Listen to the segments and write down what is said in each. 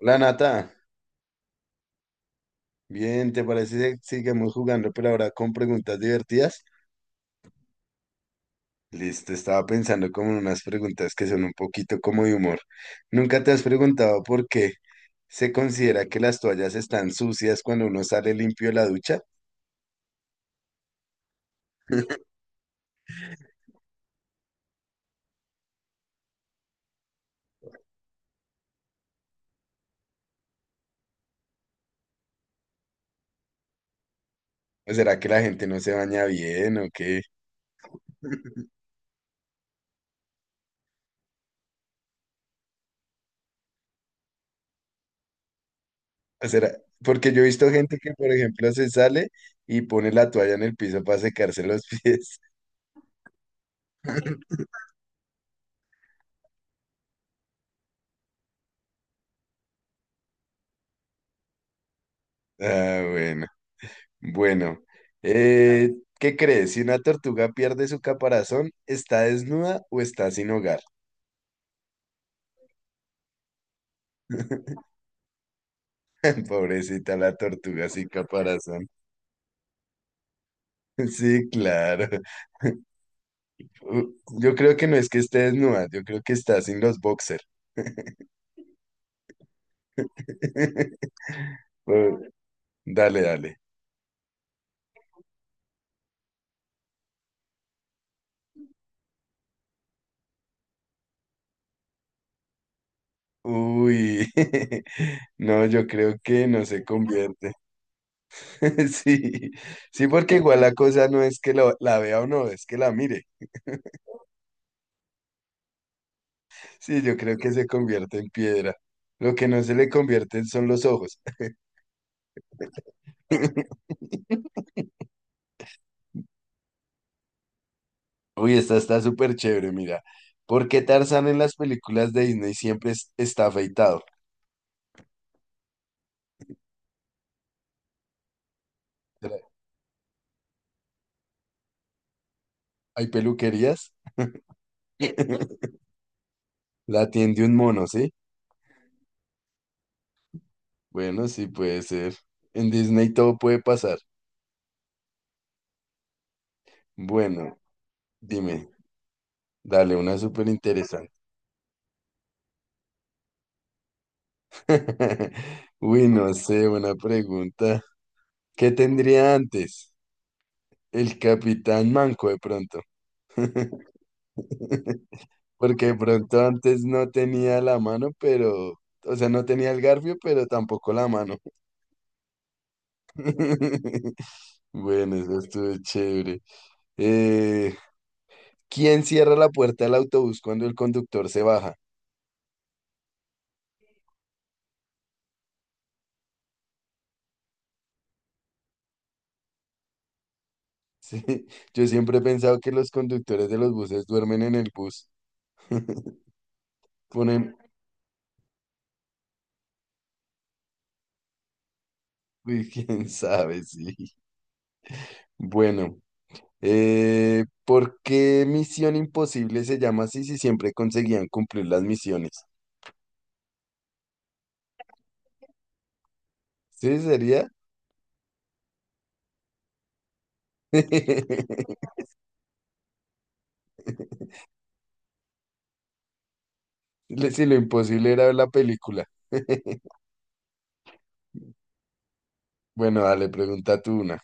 Hola Nata, bien, ¿te parece si sigamos jugando, pero ahora con preguntas divertidas? Listo, estaba pensando como en unas preguntas que son un poquito como de humor. ¿Nunca te has preguntado por qué se considera que las toallas están sucias cuando uno sale limpio de la ducha? ¿O será que la gente no se baña bien o qué? ¿O será? Porque yo he visto gente que, por ejemplo, se sale y pone la toalla en el piso para secarse los pies. Ah, bueno. Bueno, eh, ¿qué crees? Si una tortuga pierde su caparazón, ¿está desnuda o está sin hogar? Pobrecita la tortuga sin caparazón. Sí, claro. U- Yo creo que no es que esté desnuda, yo creo que está sin los boxers. Dale, dale. Uy, no, yo creo que no se convierte. Sí, sí, porque igual la cosa no es que la vea o no, es que la mire. Sí, yo creo que se convierte en piedra. Lo que no se le convierten son los ojos. Uy, esta está súper chévere, mira. ¿Por qué Tarzán en las películas de Disney siempre está afeitado? Tra- ¿Hay peluquerías? La tiende un mono, ¿sí? Bueno, sí puede ser. En Disney todo puede pasar. Bueno, dime, dale una súper interesante. Uy, no sé, buena pregunta. ¿Qué tendría antes? El Capitán Manco de pronto. Porque de pronto antes no tenía la mano, pero, o sea, no tenía el garfio, pero tampoco la mano. Bueno, eso estuvo chévere. Eh, ¿Quién cierra la puerta del autobús cuando el conductor se baja? Sí, yo siempre he pensado que los conductores de los buses duermen en el bus. Ponen, uy, quién sabe, sí. Bueno, ¿por qué Misión Imposible se llama así si siempre conseguían cumplir las misiones? Sí, sería. Sí, lo imposible era ver la película. Bueno, dale, pregunta tú una.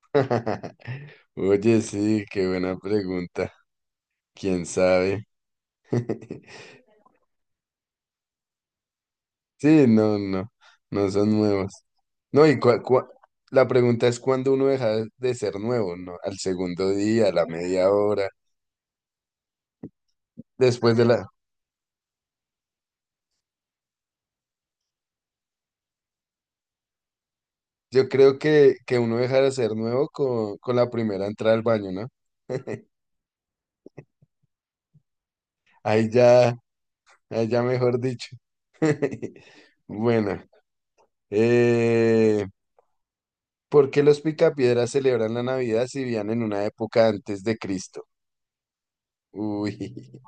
Oye, sí, qué buena pregunta. ¿Quién sabe? Sí, no, no, no son nuevos. No, y la pregunta es cuándo uno deja de ser nuevo, ¿no? Al segundo día, a la media hora, después de la... Yo creo que uno deja de ser nuevo con la primera entrada al baño, ¿no? Ahí ya, ahí ya mejor dicho. Bueno, eh, ¿por qué los picapiedras celebran la Navidad si vivían en una época antes de Cristo? Uy,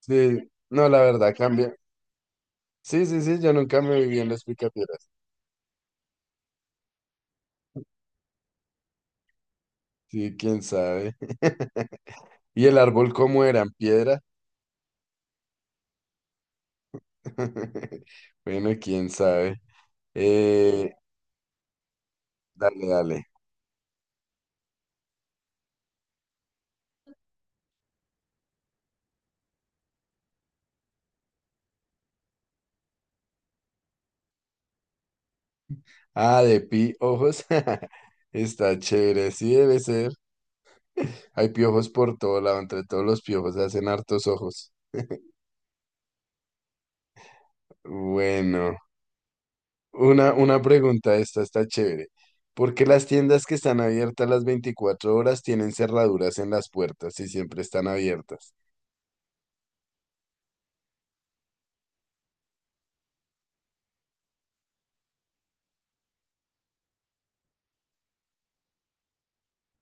sí, no, la verdad cambia. Sí, sí, sí, yo nunca me viví en los picapiedras. Sí, quién sabe. ¿Y el árbol cómo era? ¿En piedra? Bueno, quién sabe. Eh, dale, dale. Ah, de piojos. Está chévere, sí debe ser. Hay piojos por todo lado, entre todos los piojos hacen hartos ojos. Bueno. Una pregunta, esta está chévere. ¿Por qué las tiendas que están abiertas las 24 horas tienen cerraduras en las puertas y siempre están abiertas?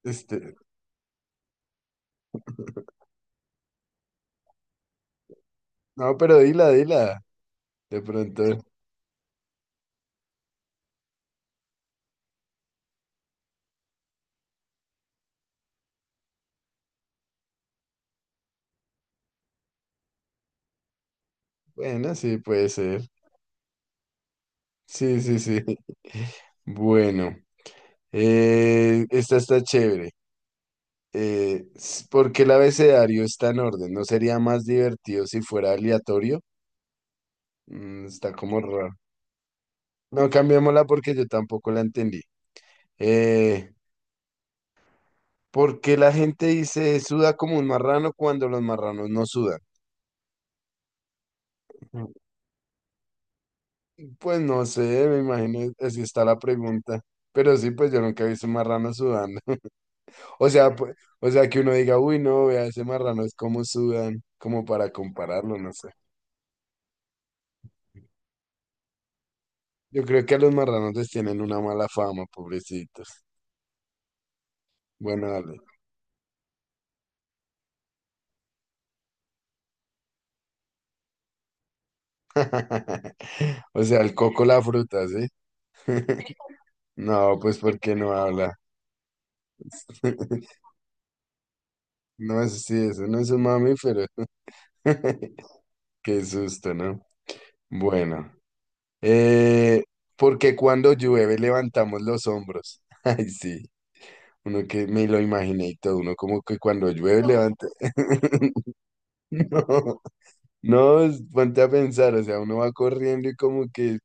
Este, no, pero dila, dila. De pronto, bueno, sí, puede ser. Sí, sí, sí. Bueno, esta está chévere. ¿Por qué el abecedario está en orden? ¿No sería más divertido si fuera aleatorio? Mm, está como raro. No, cambiémosla porque yo tampoco la entendí. Eh, ¿Por qué la gente dice suda como un marrano cuando los marranos no sudan? Pues no sé, me imagino, así está la pregunta. Pero sí, pues yo nunca he visto un marrano sudando. O sea, pues, o sea, que uno diga, uy, no, vea, ese marrano es como sudan, como para compararlo, no sé. Yo creo que a los marranos les tienen una mala fama, pobrecitos. Bueno, dale. O sea, el coco la fruta, ¿sí? No, pues porque no habla. No es, así eso no es un mamífero. Qué susto, ¿no? Bueno, eh, porque cuando llueve levantamos los hombros. Ay, sí, uno que me lo imaginé y todo, uno como que cuando llueve No. levanta. No, no, ponte a pensar, o sea, uno va corriendo y como que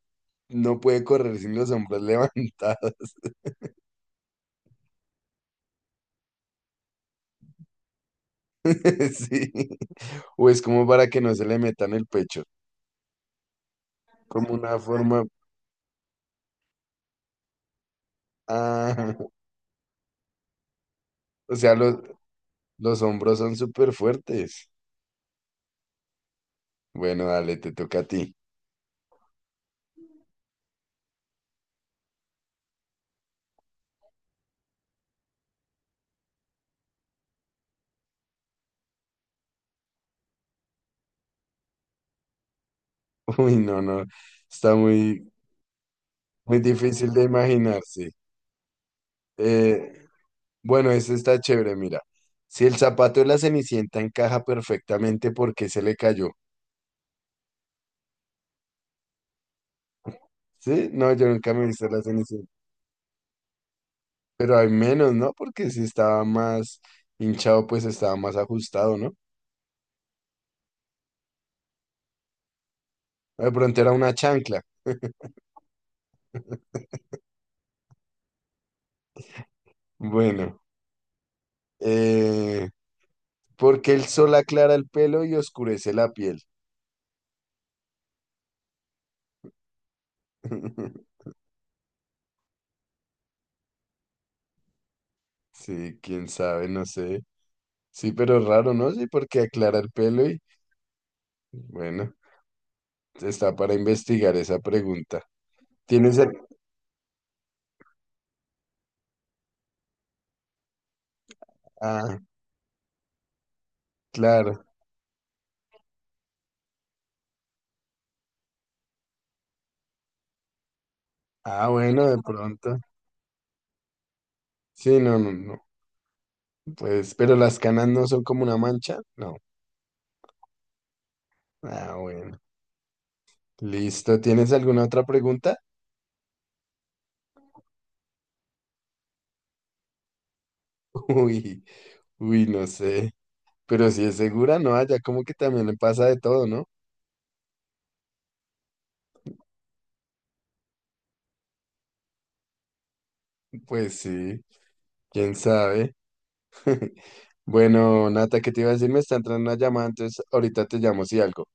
no puede correr sin los hombros levantados. Sí, o es como para que no se le metan el pecho, como una forma. Ah, o sea, los hombros son súper fuertes. Bueno, dale, te toca a ti. Uy, no, no, está muy, muy difícil de imaginarse. Eh, bueno, este está chévere, mira. Si el zapato de la Cenicienta encaja perfectamente, ¿por qué se le cayó? ¿Sí? No, yo nunca me he visto la Cenicienta. Pero hay menos, ¿no? Porque si estaba más hinchado, pues estaba más ajustado, ¿no? De pronto era una chancla. Bueno, eh, ¿por qué el sol aclara el pelo y oscurece la piel? Sí, quién sabe, no sé. Sí, pero raro, ¿no? Sí, porque aclara el pelo y bueno, está para investigar esa pregunta. ¿Tienes el... Ah, claro. Ah, bueno, de pronto. Sí, no, no, no. Pues, pero las canas no son como una mancha. No. Ah, bueno. Listo. ¿Tienes alguna otra pregunta? Uy, uy, no sé. Pero si es segura, no, allá como que también le pasa de todo, ¿no? Pues sí, quién sabe. Bueno, Nata, ¿qué te iba a decir? Me está entrando una llamada, entonces ahorita te llamo si algo.